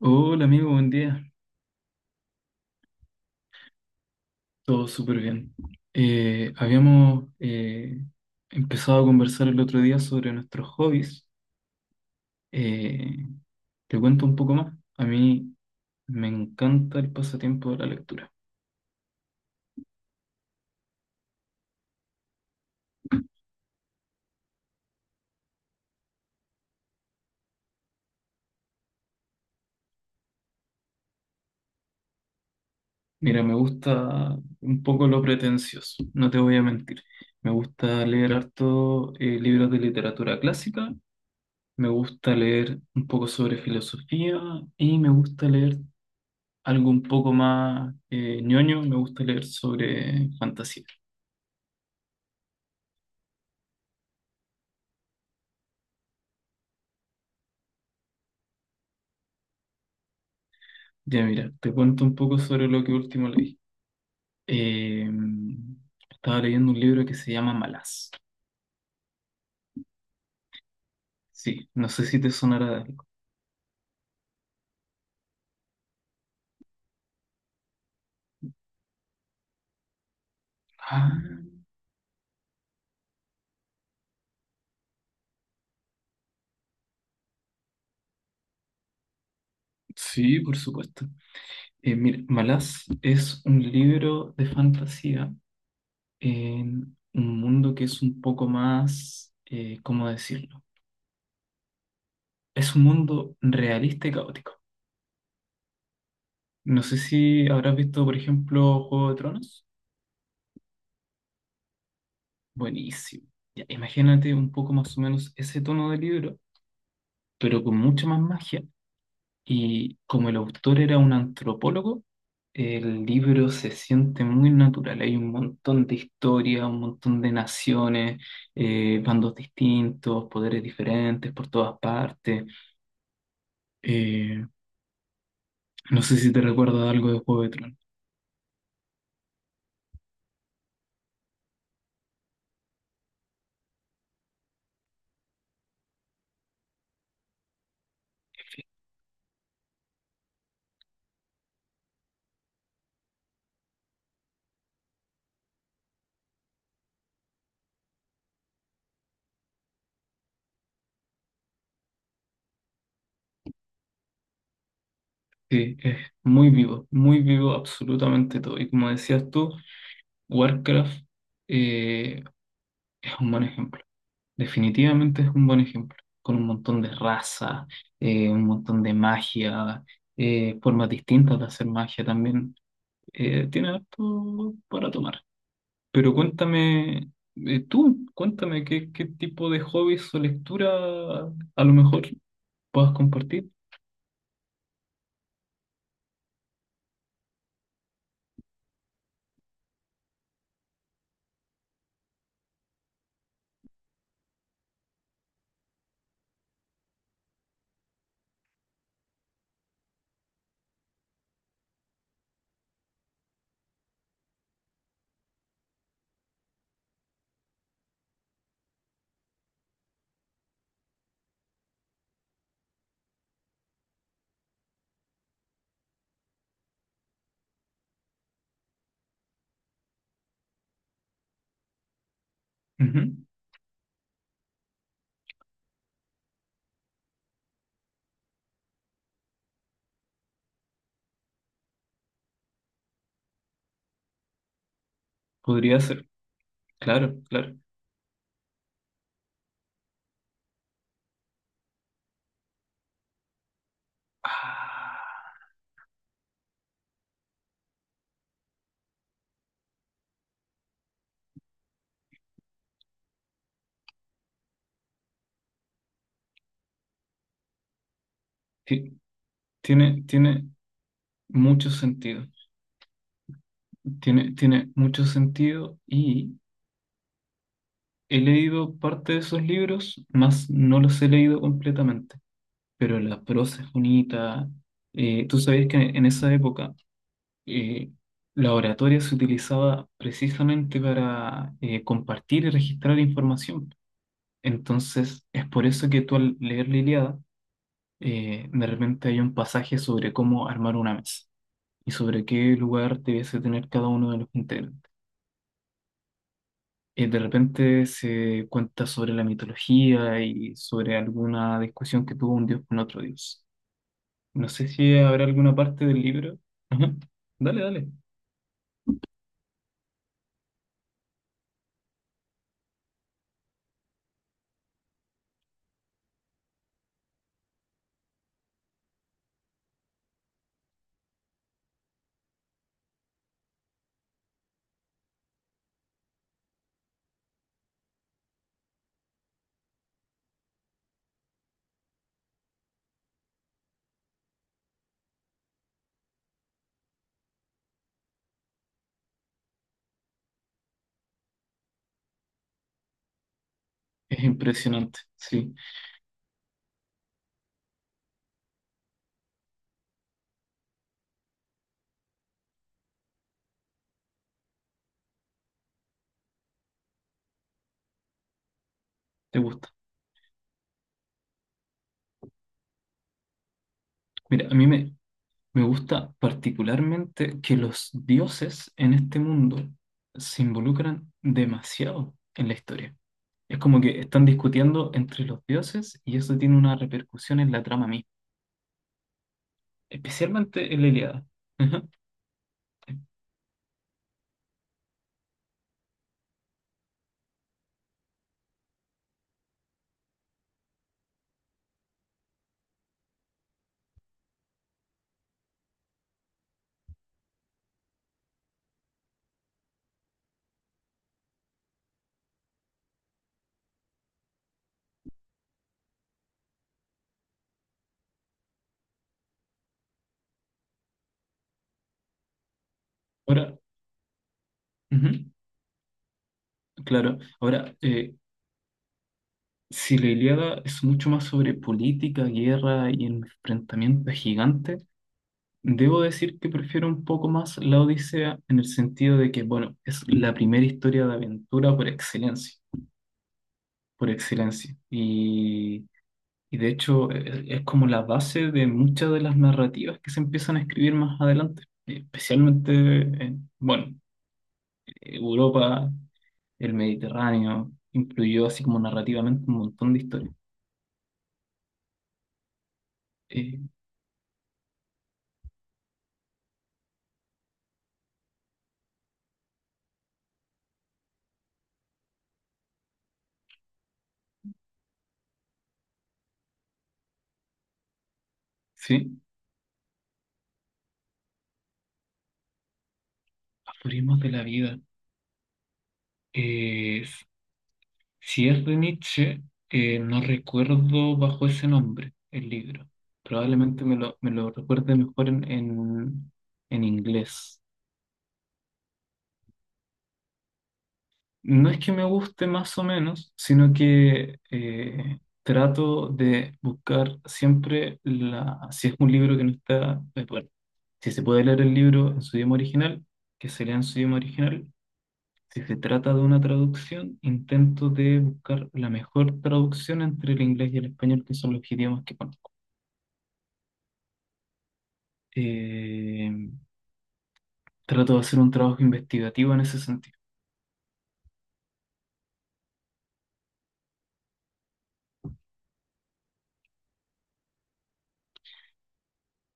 Hola amigo, buen día. Todo súper bien. Habíamos empezado a conversar el otro día sobre nuestros hobbies. Eh, Te cuento un poco más. A mí me encanta el pasatiempo de la lectura. Mira, me gusta un poco lo pretencioso, no te voy a mentir. Me gusta leer harto libros de literatura clásica, me gusta leer un poco sobre filosofía y me gusta leer algo un poco más ñoño, me gusta leer sobre fantasía. Ya mira, te cuento un poco sobre lo que último leí. Eh, Estaba leyendo un libro que se llama Malaz. Sí, no sé si te sonará de algo. Ah, sí, por supuesto. Mira, Malaz es un libro de fantasía en un mundo que es un poco más, ¿cómo decirlo? Es un mundo realista y caótico. No sé si habrás visto, por ejemplo, Juego de Tronos. Buenísimo. Ya, imagínate un poco más o menos ese tono de libro, pero con mucha más magia. Y como el autor era un antropólogo, el libro se siente muy natural. Hay un montón de historia, un montón de naciones, bandos distintos, poderes diferentes por todas partes. Eh, no sé si te recuerda algo de Juego de Tronos. Sí, es muy vivo absolutamente todo. Y como decías tú, Warcraft eh, es un buen ejemplo. Definitivamente es un buen ejemplo, con un montón de raza, un montón de magia, formas distintas de hacer magia también. Tiene harto para tomar. Pero cuéntame, tú, cuéntame qué, qué tipo de hobbies o lectura a lo mejor puedas compartir. Ujú. Podría ser, claro, claro. Ah, ti- tiene, tiene mucho sentido, tiene, tiene mucho sentido y... He leído parte de esos libros, más no los he leído completamente, pero la prosa es bonita. Tú sabes que en esa época eh, la oratoria se utilizaba precisamente para compartir y registrar información. Entonces, es por eso que tú al leer la Ilíada, de repente hay un pasaje sobre cómo armar una mesa y sobre qué lugar debiese tener cada uno de los integrantes. De repente se cuenta sobre la mitología y sobre alguna discusión que tuvo un dios con otro dios. No sé si habrá alguna parte del libro. Ajá. Dale, dale. Es impresionante, sí, te gusta. Mira, a mí me, me gusta particularmente que los dioses en este mundo se involucran demasiado en la historia. Es como que están discutiendo entre los dioses y eso tiene una repercusión en la trama misma, especialmente en la Ilíada. Ajá. Ahora, ujú, claro, ahora, si la Ilíada es mucho más sobre política, guerra y enfrentamientos gigantes, debo decir que prefiero un poco más la Odisea en el sentido de que, bueno, es la primera historia de aventura por excelencia, por excelencia. Y de hecho, es como la base de muchas de las narrativas que se empiezan a escribir más adelante, especialmente en, bueno, Europa, el Mediterráneo, influyó así como narrativamente un montón de historias. Eh, sí, aforismos de la vida. Eh, s- si es de Nietzsche, no recuerdo bajo ese nombre el libro. Probablemente me lo recuerde mejor en inglés. No es que me guste más o menos, sino que trato de buscar siempre la... Si es un libro que no está... bueno, si se puede leer el libro en su idioma original, que se lea en su idioma original. Si se trata de una traducción, intento de buscar la mejor traducción entre el inglés y el español, que son los idiomas que conozco. Eh, Trato de hacer un trabajo investigativo en ese sentido.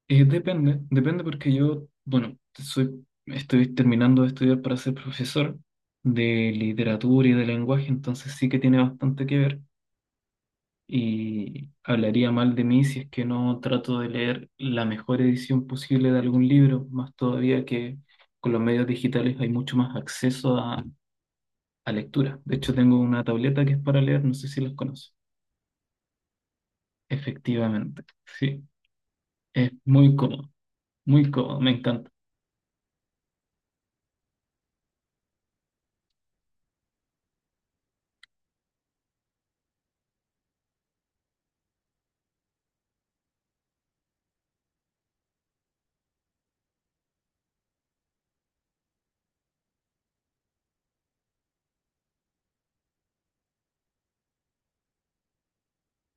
Depende, depende porque yo, bueno, soy, estoy terminando de estudiar para ser profesor de literatura y de lenguaje, entonces sí que tiene bastante que ver. Y hablaría mal de mí si es que no trato de leer la mejor edición posible de algún libro, más todavía que con los medios digitales hay mucho más acceso a lectura. De hecho, tengo una tableta que es para leer, no sé si las conoces. Efectivamente, sí, es muy cómodo, me encanta.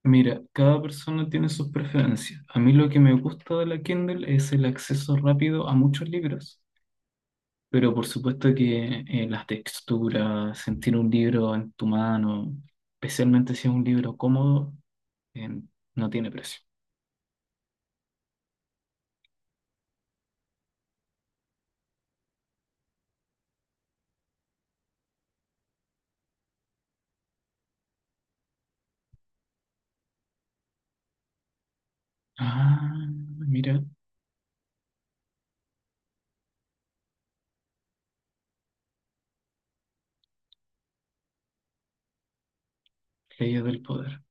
Mira, cada persona tiene sus preferencias. A mí lo que me gusta de la Kindle es el acceso rápido a muchos libros. Pero por supuesto que las texturas, sentir un libro en tu mano, especialmente si es un libro cómodo, eh, no tiene precio. Ah, mira, Leyes del Poder.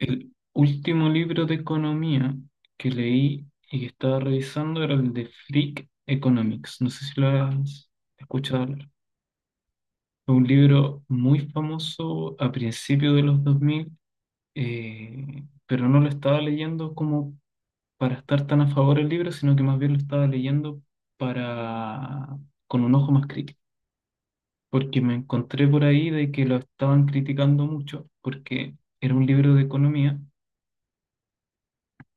El último libro de economía que leí y que estaba revisando era el de Freak Economics. No sé si lo has escuchado hablar. Es un libro muy famoso a principios de los 2000, pero no lo estaba leyendo como para estar tan a favor del libro, sino que más bien lo estaba leyendo para con un ojo más crítico, porque me encontré por ahí de que lo estaban criticando mucho, porque era un libro de economía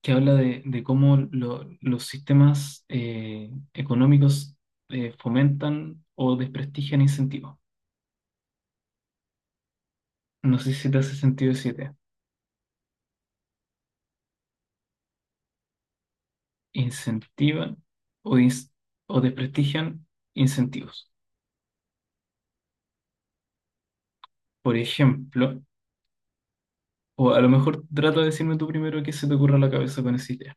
que habla de cómo los sistemas económicos fomentan o desprestigian incentivos. No sé si te hace sentido esa idea. Incentivan o, o desprestigian incentivos. Por ejemplo, o a lo mejor trata de decirme tú primero qué se te ocurre a la cabeza con esa idea.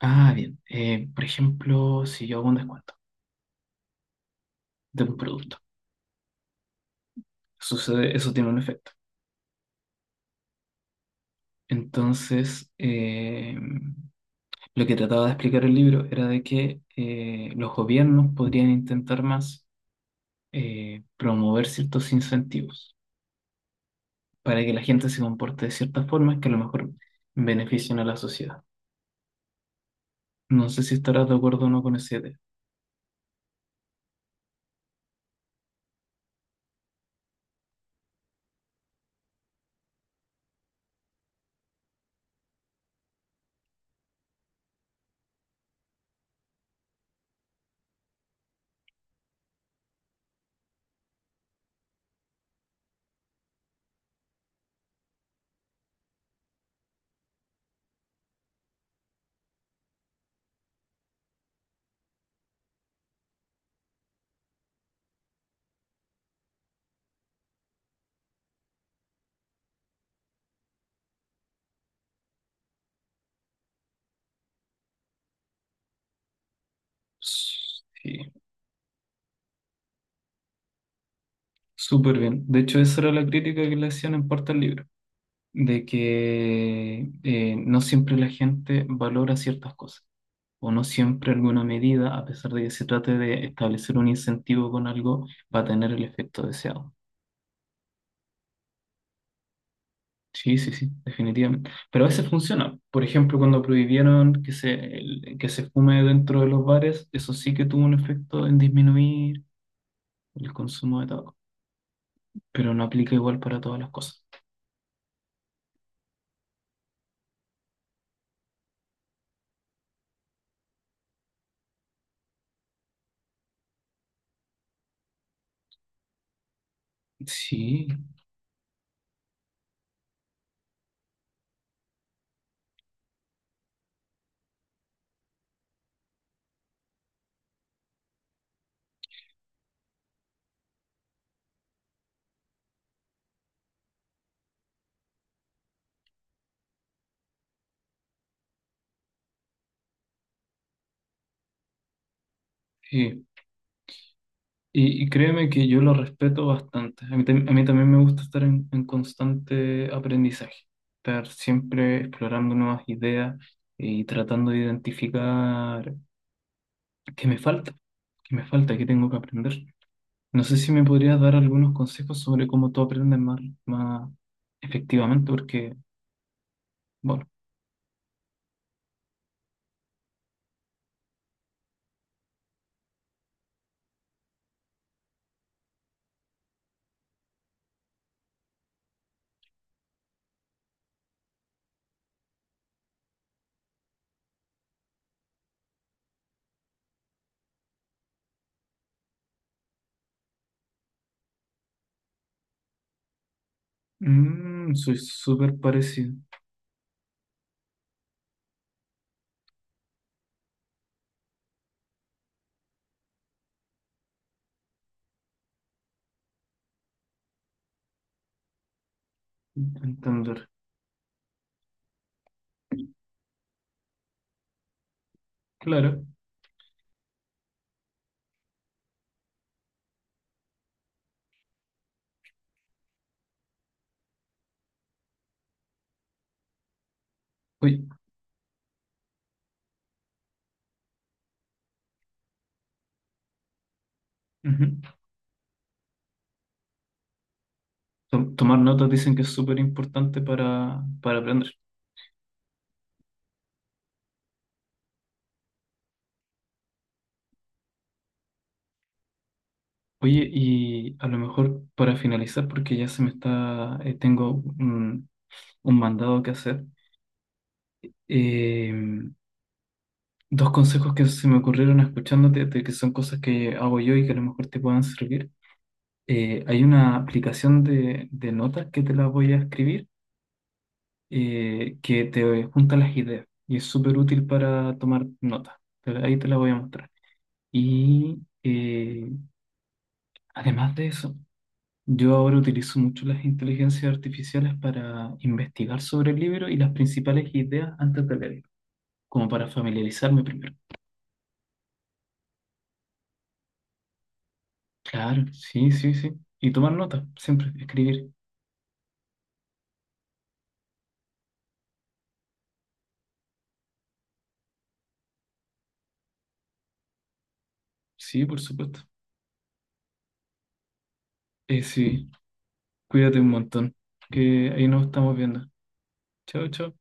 Ah, bien. Por ejemplo, si yo hago un descuento de un producto, sucede, eso tiene un efecto. Entonces, lo que trataba de explicar el libro era de que los gobiernos podrían intentar más promover ciertos incentivos para que la gente se comporte de ciertas formas que a lo mejor beneficien a la sociedad. No sé si estarás de acuerdo o no con esa idea. Sí. Súper bien. De hecho, esa era la crítica que le hacían en parte al libro, de que no siempre la gente valora ciertas cosas, o no siempre alguna medida, a pesar de que se trate de establecer un incentivo con algo, va a tener el efecto deseado. Sí, sí, sí, definitivamente. Pero a veces funciona. Por ejemplo, cuando prohibieron que se, que se fume dentro de los bares, eso sí que tuvo un efecto en disminuir el consumo de tabaco, pero no aplica igual para todas las cosas. Sí, sí. Y créeme que yo lo respeto bastante. A mí, a mí también me gusta estar en constante aprendizaje, estar siempre explorando nuevas ideas y tratando de identificar qué me falta, qué me falta, qué tengo que aprender. No sé si me podrías dar algunos consejos sobre cómo tú aprendes más, más efectivamente, porque, bueno, mm, soy súper parecido. Entender. Claro. Oye, ujú. Tomar notas dicen que es súper importante para aprender. Oye, y a lo mejor para finalizar, porque ya se me está, tengo un mandado que hacer, eh, dos consejos que se me ocurrieron escuchándote, de que son cosas que hago yo y que a lo mejor te puedan servir. Hay una aplicación de notas que te la voy a escribir, que te junta las ideas y es súper útil para tomar notas. Ahí te la voy a mostrar. Y además de eso... Yo ahora utilizo mucho las inteligencias artificiales para investigar sobre el libro y las principales ideas antes de leerlo, como para familiarizarme primero. Claro, sí, sí, sí. Y tomar nota, siempre, escribir. Sí, por supuesto. Sí, cuídate un montón, que ahí nos estamos viendo. Chao, chao.